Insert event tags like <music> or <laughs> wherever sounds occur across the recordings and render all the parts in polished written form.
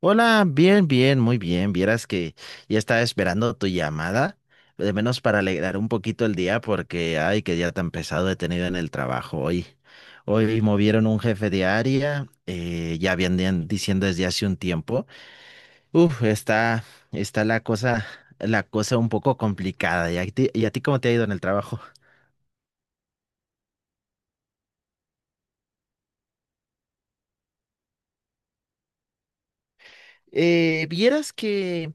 Hola, bien, bien, muy bien. Vieras que ya estaba esperando tu llamada, de menos para alegrar un poquito el día, porque ay, qué día tan pesado he tenido en el trabajo hoy. Hoy movieron un jefe de área, ya habían diciendo desde hace un tiempo. Uf, está la cosa un poco complicada. Y a ti cómo te ha ido en el trabajo? Vieras que.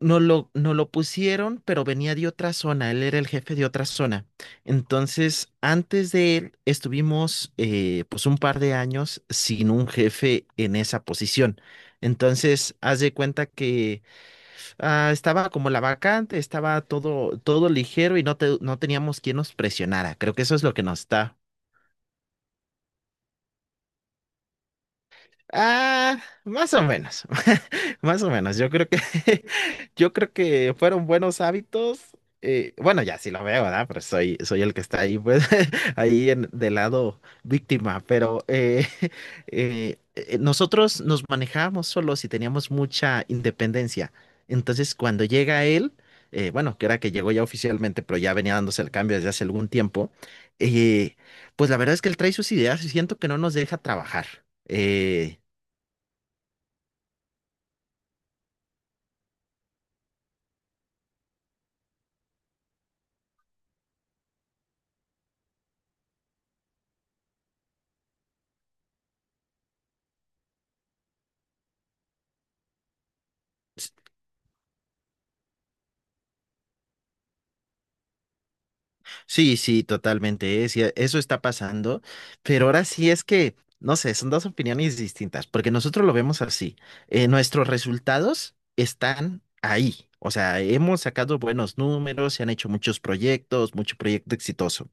No lo pusieron, pero venía de otra zona, él era el jefe de otra zona. Entonces, antes de él, estuvimos pues un par de años sin un jefe en esa posición. Entonces, haz de cuenta que estaba como la vacante, estaba todo ligero y no, no teníamos quien nos presionara. Creo que eso es lo que nos está. Ah, más o menos, <laughs> más o menos. Yo creo que, <laughs> yo creo que fueron buenos hábitos. Bueno, ya sí lo veo, ¿verdad? Pero soy el que está ahí, pues, <laughs> ahí en, del lado víctima. Pero <laughs> nosotros nos manejábamos solos y teníamos mucha independencia. Entonces, cuando llega él, bueno, que era que llegó ya oficialmente, pero ya venía dándose el cambio desde hace algún tiempo. eh, pues la verdad es que él trae sus ideas y siento que no nos deja trabajar. Eh, Sí, sí, totalmente, sí, eso está pasando, pero ahora sí es que, no sé, son dos opiniones distintas, porque nosotros lo vemos así, nuestros resultados están ahí, o sea, hemos sacado buenos números, se han hecho muchos proyectos, mucho proyecto exitoso,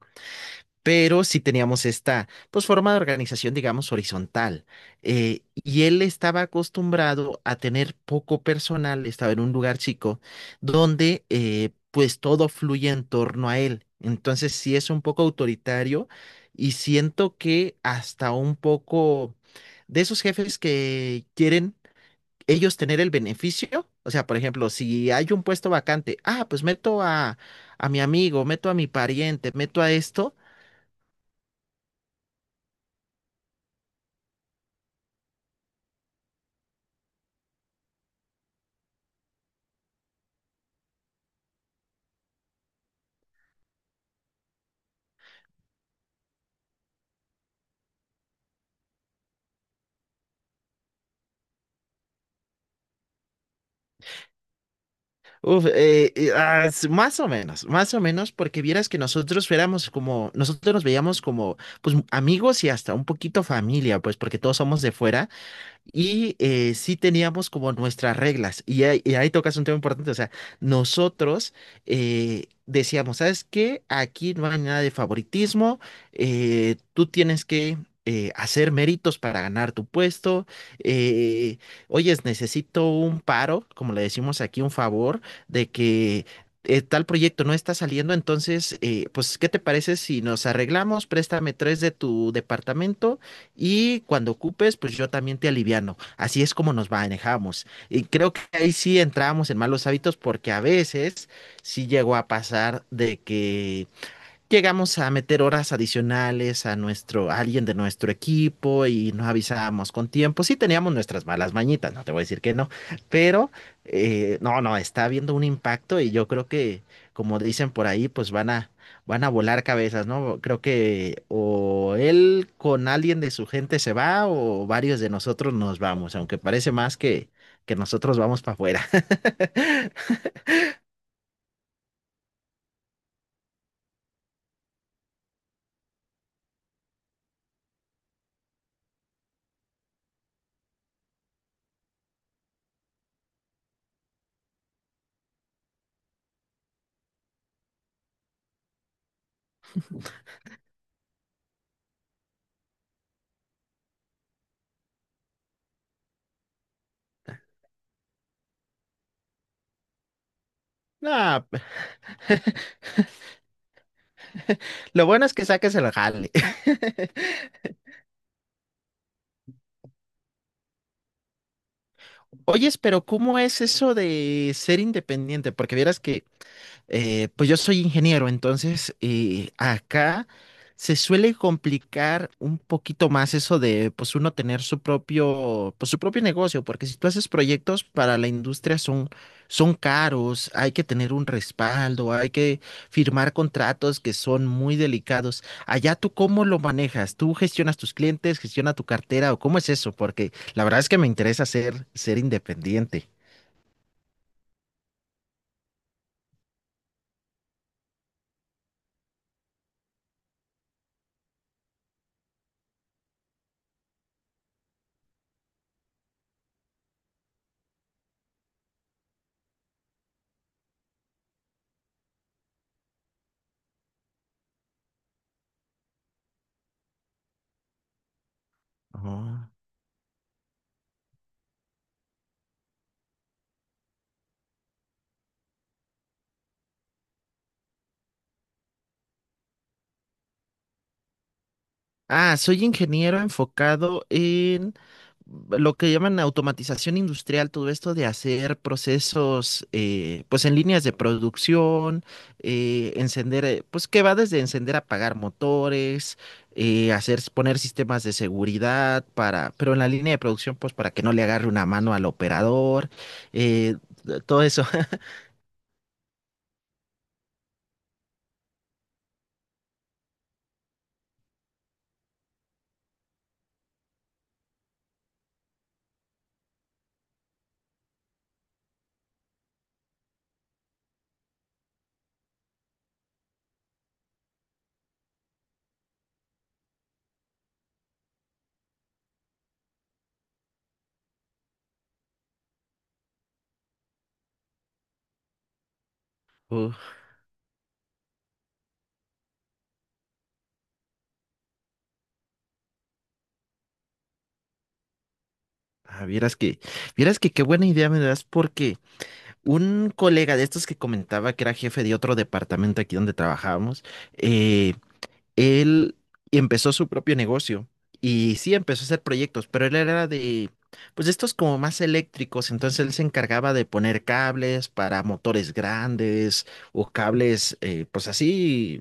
pero sí teníamos esta, pues, forma de organización, digamos, horizontal. Y él estaba acostumbrado a tener poco personal, estaba en un lugar chico, donde, pues, todo fluye en torno a él. Entonces, sí es un poco autoritario y siento que hasta un poco de esos jefes que quieren ellos tener el beneficio. O sea, por ejemplo, si hay un puesto vacante, ah, pues a mi amigo, meto a mi pariente, meto a esto. Más o menos, más o menos, porque vieras que nosotros éramos como, nosotros nos veíamos como, pues, amigos y hasta un poquito familia, pues, porque todos somos de fuera. Y sí teníamos como nuestras reglas. Y ahí tocas un tema importante. O sea, nosotros decíamos, ¿sabes qué? Aquí no hay nada de favoritismo. Tú tienes que hacer méritos para ganar tu puesto. eh, Oyes, necesito un paro, como le decimos aquí, un favor de que... Tal proyecto no está saliendo, entonces, pues, ¿qué te parece si nos arreglamos? Préstame tres de tu departamento y cuando ocupes, pues yo también te aliviano. Así es como nos manejamos. Y creo que ahí sí entramos en malos hábitos porque a veces sí llegó a pasar de que llegamos a meter horas adicionales a a alguien de nuestro equipo y nos avisábamos con tiempo. Sí teníamos nuestras malas mañitas, no te voy a decir que no, pero no, no, está habiendo un impacto y yo creo que, como dicen por ahí, pues van a volar cabezas, ¿no? Creo que o él con alguien de su gente se va o varios de nosotros nos vamos, aunque parece más que nosotros vamos para afuera. <laughs> No, lo bueno es que saques el jale. Oyes, pero ¿cómo es eso de ser independiente? Porque vieras que pues yo soy ingeniero, entonces acá se suele complicar un poquito más eso de pues uno tener su propio, pues su propio negocio, porque si tú haces proyectos para la industria son caros, hay que tener un respaldo, hay que firmar contratos que son muy delicados. Allá tú cómo lo manejas, tú gestionas tus clientes, gestiona tu cartera o cómo es eso, porque la verdad es que me interesa ser independiente. Ujú. Ah, soy ingeniero enfocado en lo que llaman automatización industrial, todo esto de hacer procesos, pues en líneas de producción, pues que va desde encender, apagar motores, poner sistemas de seguridad para, pero en la línea de producción, pues para que no le agarre una mano al operador, eh, todo eso. <laughs> Uh, ah, vieras que, Vieras que qué buena idea me das porque un colega de estos que comentaba que era jefe de otro departamento aquí donde trabajábamos, eh, él empezó su propio negocio y sí empezó a hacer proyectos, pero él era de, pues de estos como más eléctricos, entonces él se encargaba de poner cables para motores grandes o cables, pues así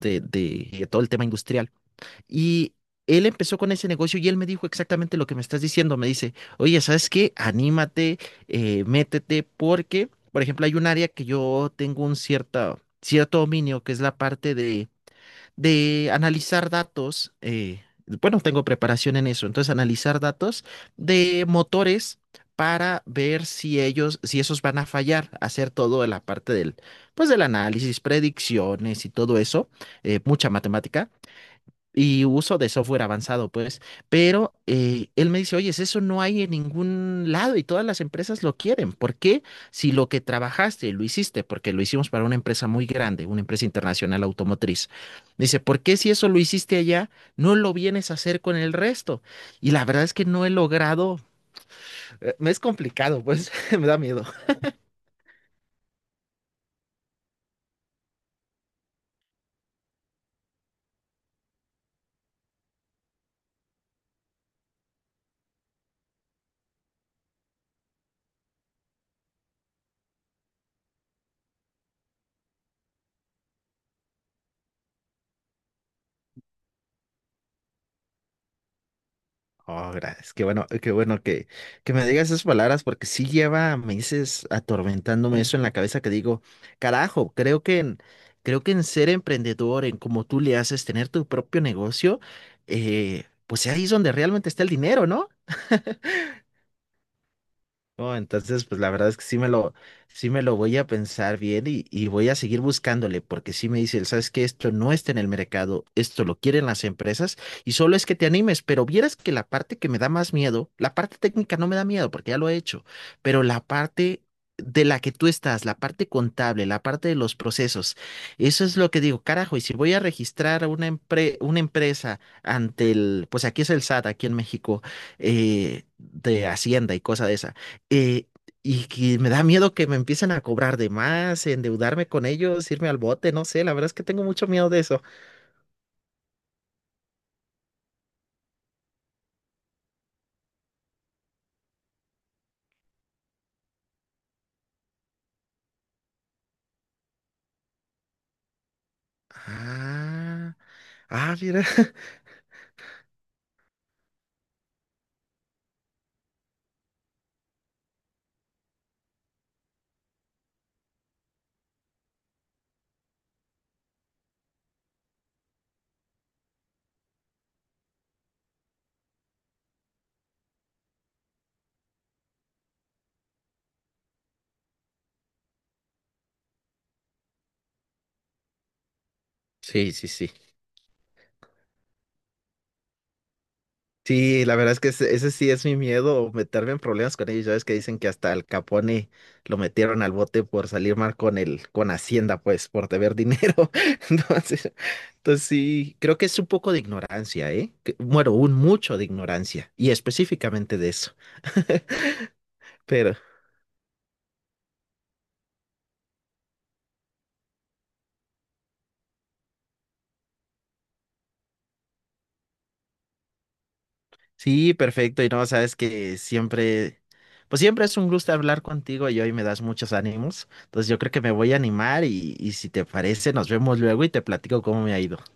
de todo el tema industrial. Y él empezó con ese negocio y él me dijo exactamente lo que me estás diciendo. Me dice, oye, ¿sabes qué? Anímate, métete, porque, por ejemplo, hay un área que yo tengo cierto dominio, que es la parte de analizar datos. Bueno, tengo preparación en eso. Entonces, analizar datos de motores, para ver si si esos van a fallar, hacer todo la parte del, pues del análisis, predicciones y todo eso, mucha matemática y uso de software avanzado, pues. Pero él me dice, oye, eso no hay en ningún lado y todas las empresas lo quieren. ¿Por qué? Si lo que trabajaste lo hiciste, porque lo hicimos para una empresa muy grande, una empresa internacional automotriz. Dice, ¿por qué si eso lo hiciste allá, no lo vienes a hacer con el resto? Y la verdad es que no he logrado, me es complicado, pues <laughs> me da miedo. Oh, gracias. Qué bueno que me digas esas palabras porque sí lleva meses atormentándome eso en la cabeza que digo, carajo, creo que creo que en ser emprendedor, en cómo tú le haces tener tu propio negocio, pues ahí es donde realmente está el dinero, ¿no? No, entonces, pues la verdad es que sí me lo voy a pensar bien y voy a seguir buscándole, porque sí me dicen, sabes que esto no está en el mercado, esto lo quieren las empresas, y solo es que te animes, pero vieras que la parte que me da más miedo, la parte técnica no me da miedo, porque ya lo he hecho, pero la parte de la que tú estás, la parte contable, la parte de los procesos, eso es lo que digo, carajo, y si voy a registrar una una empresa ante el, pues aquí es el SAT, aquí en México, de Hacienda y cosa de esa, eh, y que me da miedo que me empiecen a cobrar de más, endeudarme con ellos, irme al bote, no sé, la verdad es que tengo mucho miedo de eso. Ah, ah, mira. <laughs> Sí, sí, sí. Sí, la verdad es que ese sí es mi miedo, meterme en problemas con ellos. Ya ves que dicen que hasta Al Capone lo metieron al bote por salir mal con con Hacienda, pues, por deber dinero. <laughs> Entonces, entonces sí, creo que es un poco de ignorancia, ¿eh? Que... bueno, un mucho de ignorancia, y específicamente de eso. <laughs> Pero, sí, perfecto. Y no, sabes que siempre, pues siempre es un gusto hablar contigo y hoy me das muchos ánimos. Entonces yo creo que me voy a animar y si te parece, nos vemos luego y te platico cómo me ha ido.